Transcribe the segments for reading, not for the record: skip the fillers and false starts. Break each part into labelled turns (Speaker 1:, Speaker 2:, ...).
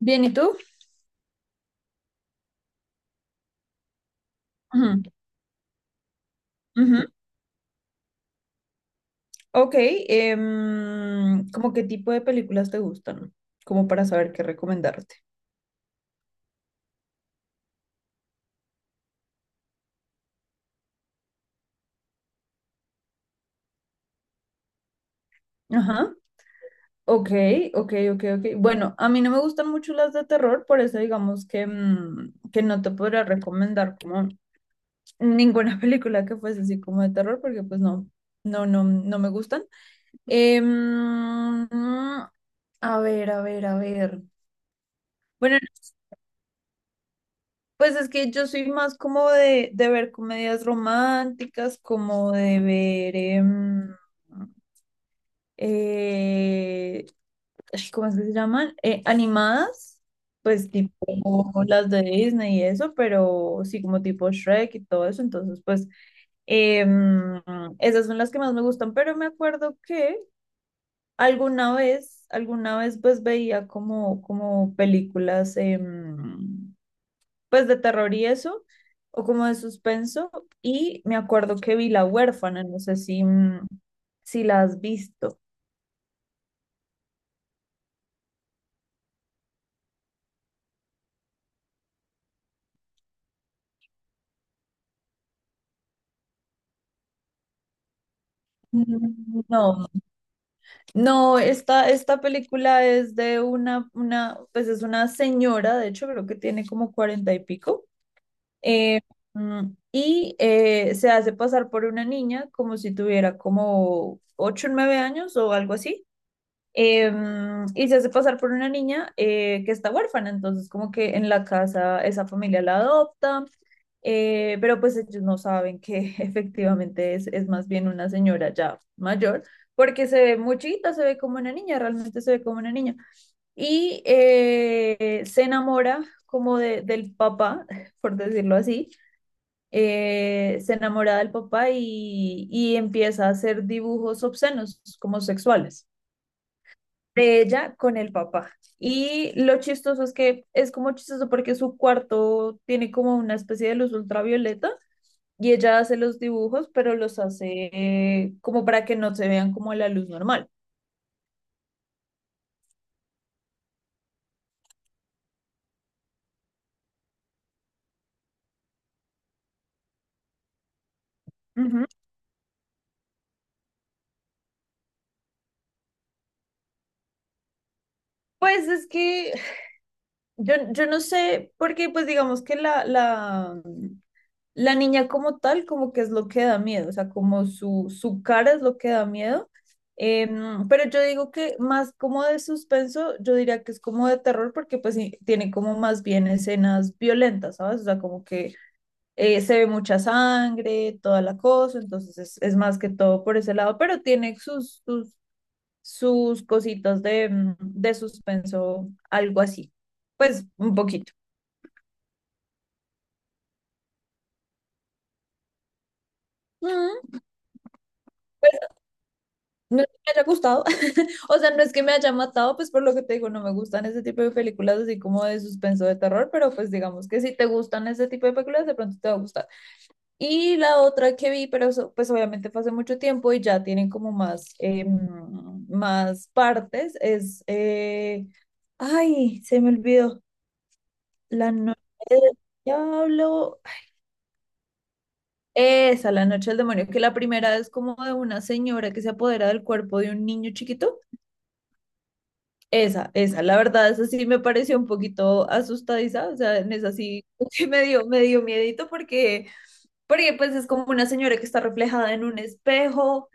Speaker 1: Bien, ¿y tú? Ujú, ujú. Ok, ¿cómo qué tipo de películas te gustan? Como para saber qué recomendarte. Ajá. Ok, ok, ok, ok. Bueno, a mí no me gustan mucho las de terror, por eso digamos que, que no te podría recomendar como ninguna película que fuese así como de terror, porque pues no, no, no, no me gustan. Em, a ver, a ver, a ver. Bueno, pues es que yo soy más como de ver comedias románticas, como de ver, eh, ay, ¿cómo es que se llaman? Animadas, pues tipo las de Disney y eso, pero sí como tipo Shrek y todo eso. Entonces, pues em, esas son las que más me gustan, pero me acuerdo que alguna vez pues veía como películas pues de terror y eso, o como de suspenso. Y me acuerdo que vi La Huérfana, no sé si, si la has visto. No, no, esta película es de pues es una señora, de hecho creo que tiene como cuarenta y pico, eh, mm, y se hace pasar por una niña como si tuviera como ocho o nueve años o algo así. Eh, y se hace pasar por una niña que está huérfana, entonces como que en la casa esa familia la adopta, pero pues ellos no saben que efectivamente es más bien una señora ya mayor, porque se ve muy chiquita, se ve como una niña, realmente se ve como una niña. Y se enamora como del papá, por decirlo así. Se enamora del papá y empieza a hacer dibujos obscenos, como sexuales, de ella con el papá. Y lo chistoso es que es como chistoso porque su cuarto tiene como una especie de luz ultravioleta y ella hace los dibujos, pero los hace como para que no se vean como la luz normal. Ujú. Pues es que yo no sé, porque pues digamos que la niña como tal, como que es lo que da miedo, o sea, como su cara es lo que da miedo. Pero yo digo que más como de suspenso, yo diría que es como de terror porque pues sí, tiene como más bien escenas violentas, ¿sabes? O sea, como que se ve mucha sangre, toda la cosa, entonces es más que todo por ese lado, pero tiene sus cositas de, de suspenso, algo así, pues un poquito. Ujú. No es que me haya gustado, o sea, no es que me haya matado, pues por lo que te digo, no me gustan ese tipo de películas así como de suspenso de terror, pero pues digamos que si te gustan ese tipo de películas, de pronto te va a gustar. Y la otra que vi, pero eso, pues obviamente fue hace mucho tiempo y ya tienen como más, más partes, ay, se me olvidó. La Noche del Diablo, esa, La Noche del Demonio, que la primera es como de una señora que se apodera del cuerpo de un niño chiquito. La verdad, esa sí me pareció un poquito asustadiza, o sea, en esa sí, sí me dio miedito, porque pues es como una señora que está reflejada en un espejo,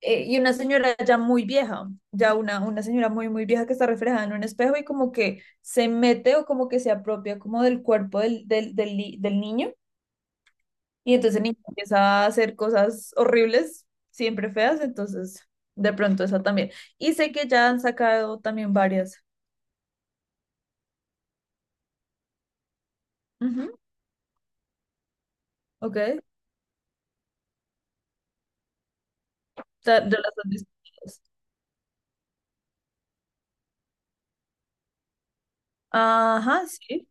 Speaker 1: y una señora ya muy vieja, ya una señora muy, muy vieja que está reflejada en un espejo y como que se mete o como que se apropia como del cuerpo del del niño, y entonces el niño empieza a hacer cosas horribles, siempre feas. Entonces de pronto esa también. Y sé que ya han sacado también varias. Ujú, ok. De las dos distintas. Ajá, sí.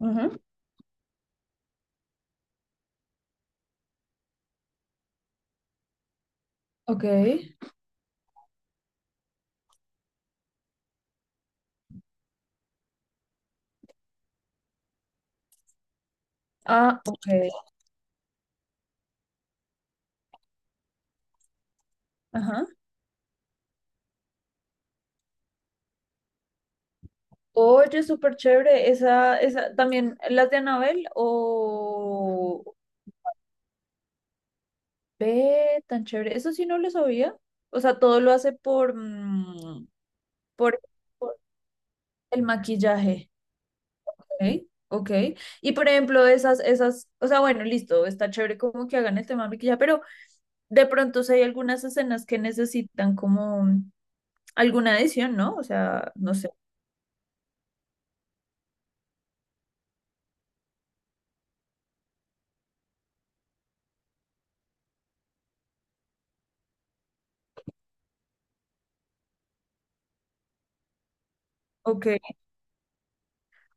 Speaker 1: Ujú, ok. Ah, ok. Ajá. Oye, súper chévere. También las de Anabel o ve tan chévere. Eso sí no lo sabía. O sea, todo lo hace por, por, por el maquillaje. Ok. Ok. Y por ejemplo, o sea, bueno, listo, está chévere como que hagan el tema de maquillaje, pero de pronto si hay algunas escenas que necesitan como alguna adición, ¿no? O sea, no sé. Ok,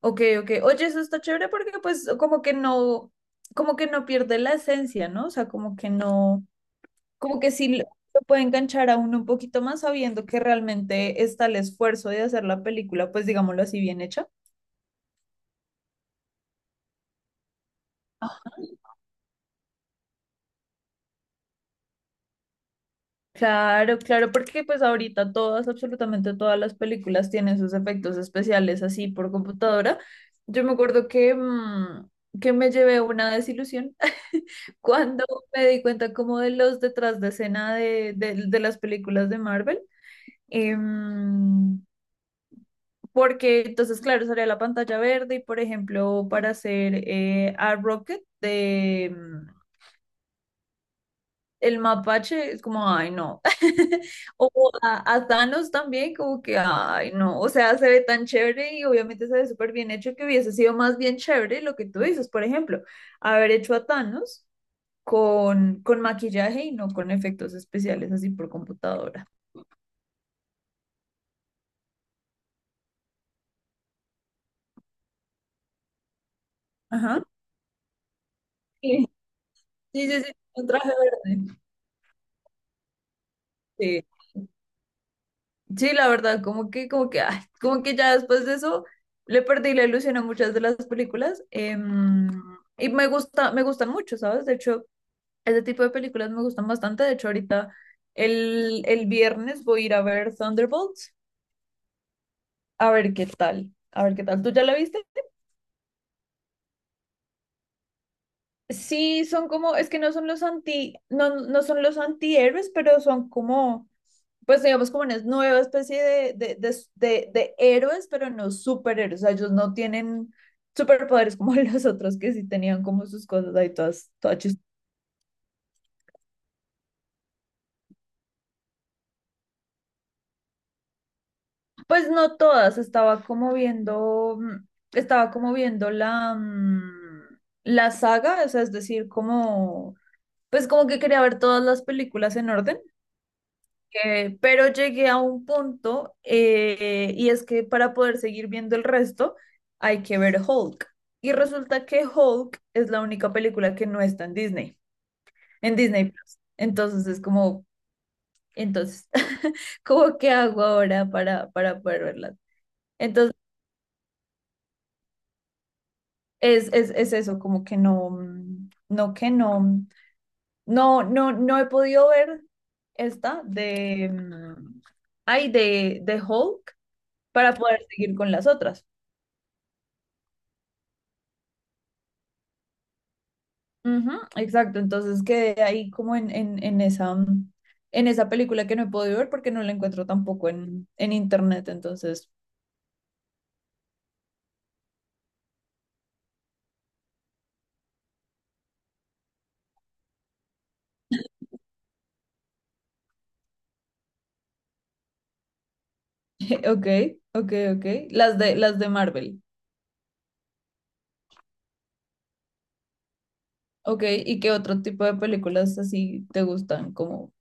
Speaker 1: ok, ok. Oye, eso está chévere porque pues como que no pierde la esencia, ¿no? O sea, como que no, como que sí lo puede enganchar a uno un poquito más sabiendo que realmente está el esfuerzo de hacer la película, pues digámoslo así, bien hecha. Claro, claro, porque pues ahorita todas, absolutamente todas las películas tienen sus efectos especiales así por computadora. Yo me acuerdo que, que me llevé una desilusión cuando me di cuenta como de los detrás de escena de las películas de Marvel. Em, Porque entonces, claro, salía la pantalla verde y, por ejemplo, para hacer a Rocket, el mapache, es como, ay, no. O a Thanos también, como que, ay, no. O sea, se ve tan chévere y obviamente se ve súper bien hecho, que hubiese sido más bien chévere lo que tú dices, por ejemplo, haber hecho a Thanos con maquillaje y no con efectos especiales así por computadora. Ajá. Sí, sí, sí, sí, un traje verde. Sí. Sí, la verdad, como que, ay, como que ya después de eso le perdí la ilusión a muchas de las películas. Y me gustan mucho, ¿sabes? De hecho, ese tipo de películas me gustan bastante. De hecho, ahorita el viernes voy a ir a ver Thunderbolts. A ver qué tal. A ver qué tal. ¿Tú ya la viste? Sí, son como, es que no son los no, no son los antihéroes, pero son como, pues digamos, como una nueva especie de héroes, pero no superhéroes. O sea, ellos no tienen superpoderes como los otros, que sí tenían como sus cosas ahí todas, todas Pues no todas, estaba como viendo, estaba como viendo la, la saga, o sea, es decir, como, pues como que quería ver todas las películas en orden. Pero llegué a un punto, y es que para poder seguir viendo el resto hay que ver Hulk. Y resulta que Hulk es la única película que no está en Disney Plus. Entonces es como, entonces, ¿cómo qué hago ahora para poder verla? Entonces es eso, como que no, no, que no, no, no, no he podido ver esta de, ay, de Hulk para poder seguir con las otras. Ujú, exacto, entonces quedé ahí como en esa, en esa película que no he podido ver porque no la encuentro tampoco en internet, entonces, ok, ok, ok, las de Marvel, ok. ¿Y qué otro tipo de películas así te gustan? Como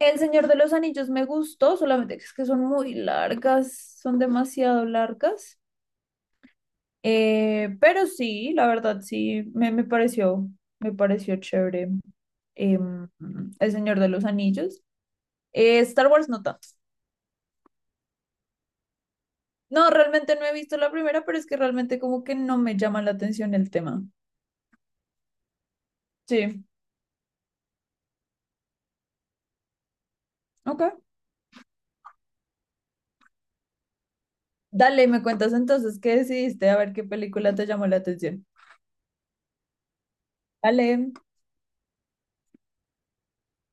Speaker 1: El Señor de los Anillos. Me gustó, solamente que es que son muy largas, son demasiado largas, pero sí, la verdad sí, me pareció chévere, em, El Señor de los Anillos. Star Wars no tanto. No, realmente no he visto la primera, pero es que realmente como que no me llama la atención el tema. Sí, ok. Dale, me cuentas entonces qué decidiste, a ver qué película te llamó la atención. Dale.